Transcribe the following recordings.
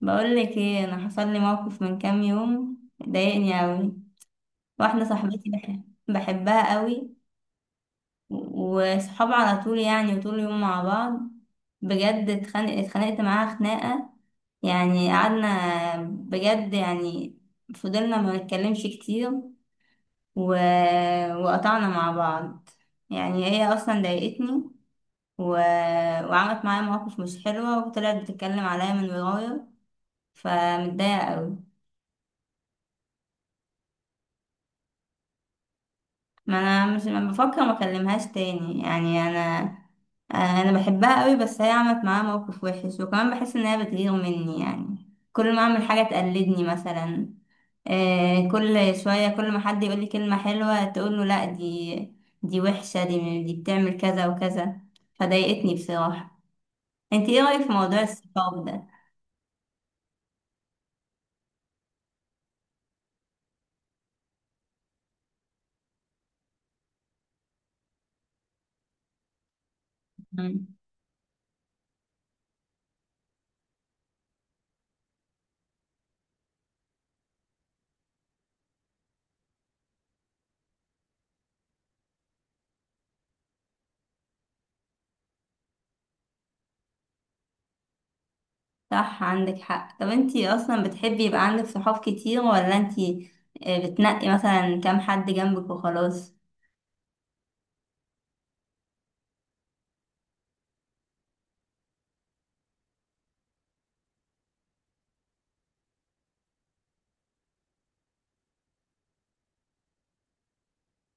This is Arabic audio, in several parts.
بقول لك ايه، انا حصل لي موقف من كام يوم ضايقني قوي. واحده صاحبتي بحبها قوي، وصحاب على طول، يعني وطول اليوم مع بعض. بجد اتخانقت معاها خناقه، يعني قعدنا بجد يعني، فضلنا ما نتكلمش كتير و... وقطعنا مع بعض. يعني هي اصلا ضايقتني و... وعملت معايا مواقف مش حلوه، وطلعت بتتكلم عليا من ورايا، فمتضايقه قوي. ما انا مش، ما بفكر ما اكلمهاش تاني، يعني انا. انا بحبها قوي، بس هي عملت معايا موقف وحش، وكمان بحس ان هي بتغير مني، يعني كل ما اعمل حاجه تقلدني مثلا. كل شويه كل ما حد يقول لي كلمه حلوه تقول له لا دي دي وحشه، دي بتعمل كذا وكذا، فضايقتني بصراحه. انت ايه رايك في موضوع الصحاب ده؟ مم. صح، عندك حق. طب انت اصلا بتحبي يبقى عندك صحاب كتير، ولا انت بتنقي مثلا كام حد جنبك وخلاص؟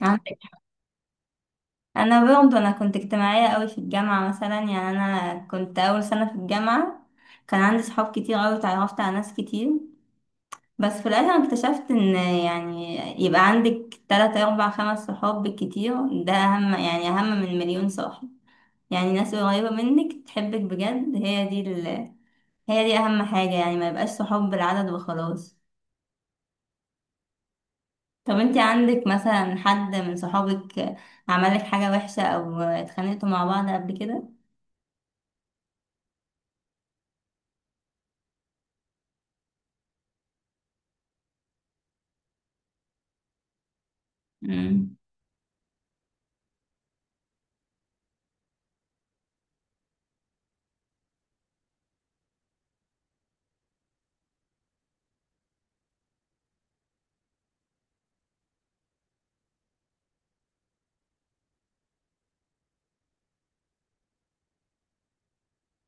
عندك. انا كنت اجتماعيه قوي في الجامعه مثلا، يعني انا كنت اول سنه في الجامعه كان عندي صحاب كتير قوي، اتعرفت على ناس كتير. بس في الاخر اكتشفت ان، يعني يبقى عندك تلاتة اربع خمس صحاب بالكتير، ده اهم، يعني اهم من مليون صاحب. يعني ناس قريبه منك تحبك بجد، هي دي هي دي اهم حاجه. يعني ما يبقاش صحاب بالعدد وخلاص. طب انتي عندك مثلا حد من صحابك عملك حاجه وحشه، او اتخانقتوا مع بعض قبل كده؟ مم.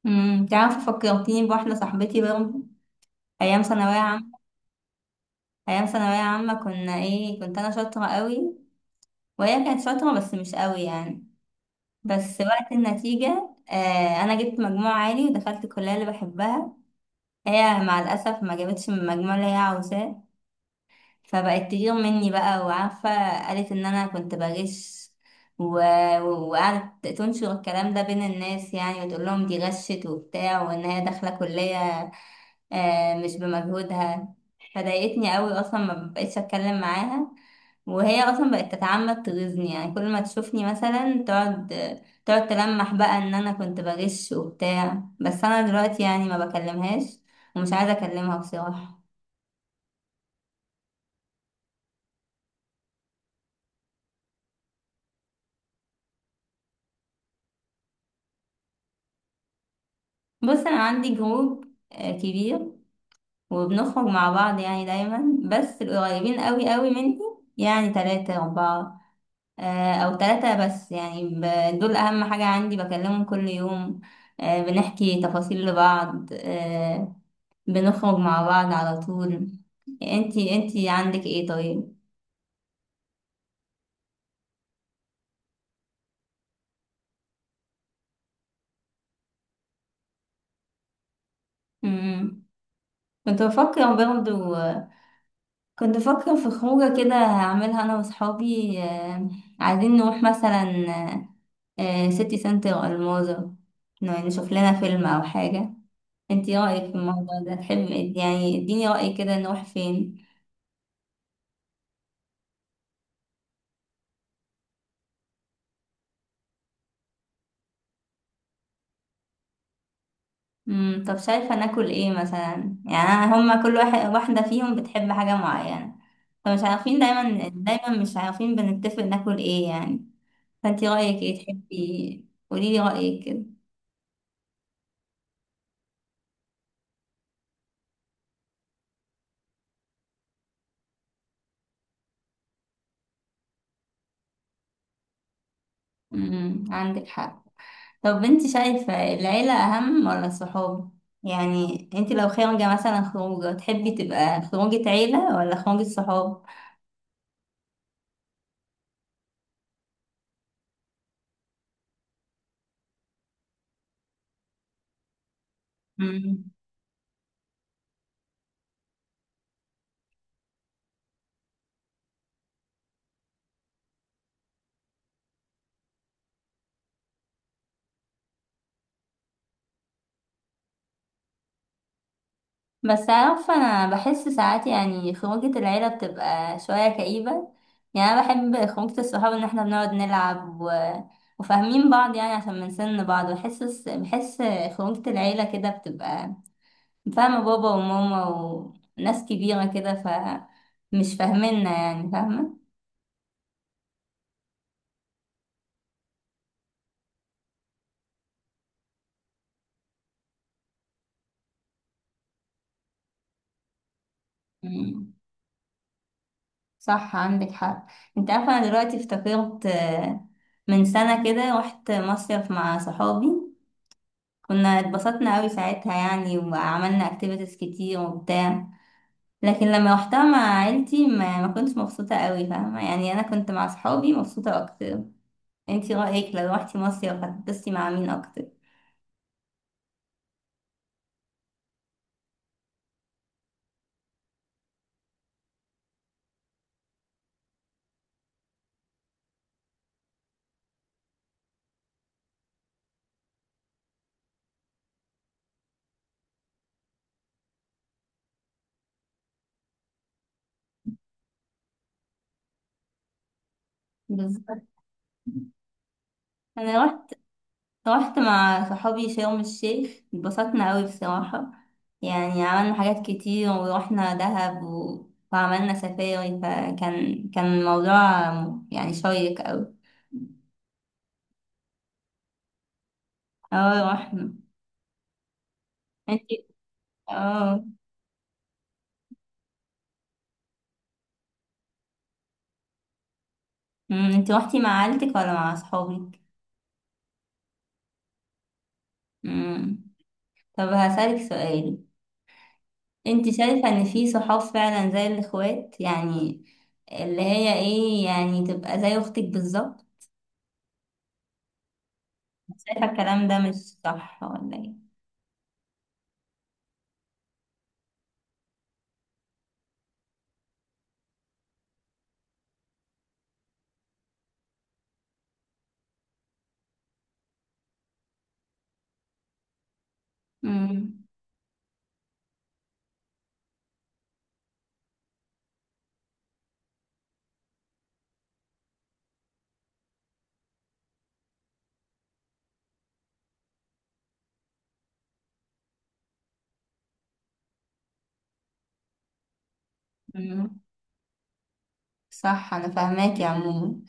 تعرف، فكرتيني بواحده صاحبتي برضه، ايام ثانويه عامه. ايام ثانويه عامه كنا ايه، كنت انا شاطره قوي، وهي كانت شاطره بس مش قوي يعني. بس وقت النتيجه، انا جبت مجموع عالي ودخلت الكليه اللي بحبها. هي مع الاسف ما جابتش من المجموع اللي هي عاوزاه، فبقت تغير مني بقى، وعارفه قالت ان انا كنت بغش و... وقعدت تنشر الكلام ده بين الناس، يعني وتقول لهم دي غشت وبتاع، وان هي داخله كليه مش بمجهودها. فضايقتني قوي اصلا، ما بقتش اتكلم معاها. وهي اصلا بقت تتعمد تغيظني، يعني كل ما تشوفني مثلا تقعد تلمح بقى ان انا كنت بغش وبتاع. بس انا دلوقتي يعني ما بكلمهاش، ومش عايزه اكلمها بصراحه. بص، انا عندي جروب كبير، وبنخرج مع بعض يعني دايما، بس القريبين قوي قوي مني يعني تلاتة أربعة، او ثلاثة بس. يعني دول اهم حاجة عندي، بكلمهم كل يوم، بنحكي تفاصيل لبعض، بنخرج مع بعض على طول. انتي عندك ايه طيب؟ مم. كنت بفكر برضه كنت بفكر في خروجة كده هعملها انا واصحابي، عايزين نروح مثلا سيتي سنتر الماظة، نشوف لنا فيلم او حاجة. انتي رأيك في الموضوع ده، تحب يعني؟ اديني رأي كده، نروح فين؟ طب شايفة ناكل ايه مثلا؟ يعني أنا، هما كل واحد واحدة فيهم بتحب حاجة معينة، فمش عارفين دايما دايما، مش عارفين بنتفق ناكل ايه يعني. فانتي رأيك ايه، تحبي قوليلي رأيك كده. عندك حق. طب انتي شايفة العيلة أهم ولا الصحاب؟ يعني انتي لو خارجة مثلا خروجة، تحبي تبقى خروجة عيلة ولا خروجة صحاب؟ بس عارفة، أنا بحس ساعات يعني خروجة العيلة بتبقى شوية كئيبة. يعني أنا بحب خروجة الصحاب، إن احنا بنقعد نلعب وفاهمين بعض، يعني عشان من سن بعض، بحس خروجة العيلة كده بتبقى فاهمة بابا وماما، وناس كبيرة كده، ف مش فاهميننا يعني، فاهمة؟ مم. صح، عندك حق. انت عارفة، أنا دلوقتي افتكرت من سنة كده رحت مصيف مع صحابي. كنا اتبسطنا قوي ساعتها يعني، وعملنا اكتيفيتيز كتير وبتاع. لكن لما روحتها مع عيلتي ما كنتش مبسوطة قوي، فاهمة؟ يعني انا كنت مع صحابي مبسوطة اكتر. انتي رأيك لو روحتي مصيف هتتبسطي مع مين اكتر؟ بالظبط. انا رحت مع صحابي شرم الشيخ، اتبسطنا قوي بصراحة. يعني عملنا حاجات كتير، ورحنا دهب وعملنا سفاري. فكان الموضوع يعني شيق قوي. اه، رحنا. انتي اه انت روحتي مع عيلتك ولا مع اصحابك؟ امم طب هسألك سؤال. انت شايفة ان في صحاب فعلا زي الاخوات، يعني اللي هي ايه يعني، تبقى زي اختك بالظبط؟ شايفة الكلام ده مش صح ولا ايه؟ امم امم صح. انا فاهماكي عموما.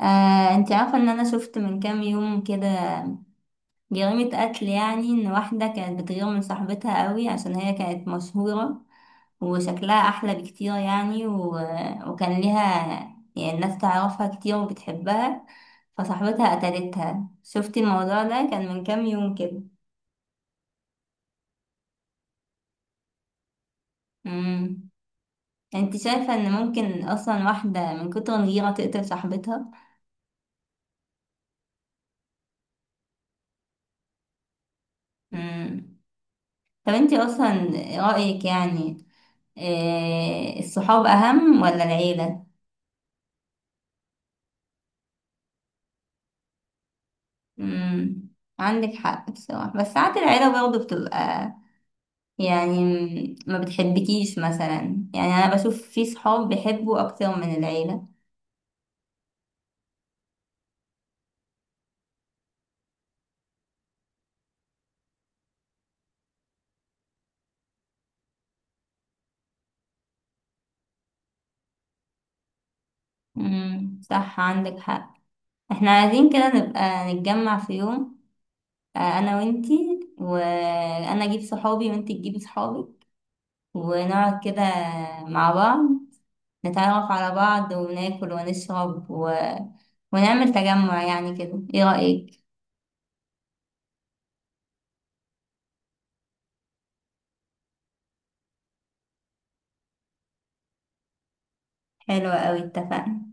انت عارفة ان انا شفت من كام يوم كده جريمة قتل؟ يعني إن واحدة كانت بتغير من صاحبتها قوي، عشان هي كانت مشهورة وشكلها أحلى بكتير، يعني وكان ليها يعني الناس تعرفها كتير وبتحبها، فصاحبتها قتلتها. شفتي الموضوع ده كان من كام يوم كده؟ امم انت شايفة ان ممكن اصلا واحدة من كتر الغيرة تقتل صاحبتها؟ امم طب انت اصلا رأيك يعني إيه، الصحاب اهم ولا العيلة؟ امم عندك حق بصراحة. بس ساعات العيلة برضه بتبقى، يعني ما بتحبكيش مثلا. يعني أنا بشوف في صحاب بيحبوا أكتر من العيلة. صح، عندك حق. احنا عايزين كده نبقى نتجمع في يوم، أنا وإنتي، وأنا أجيب صحابي وإنتي تجيبي صحابك، ونقعد كده مع بعض، نتعرف على بعض، وناكل ونشرب ونعمل تجمع يعني كده، ايه رأيك؟ حلوة أوي، اتفقنا.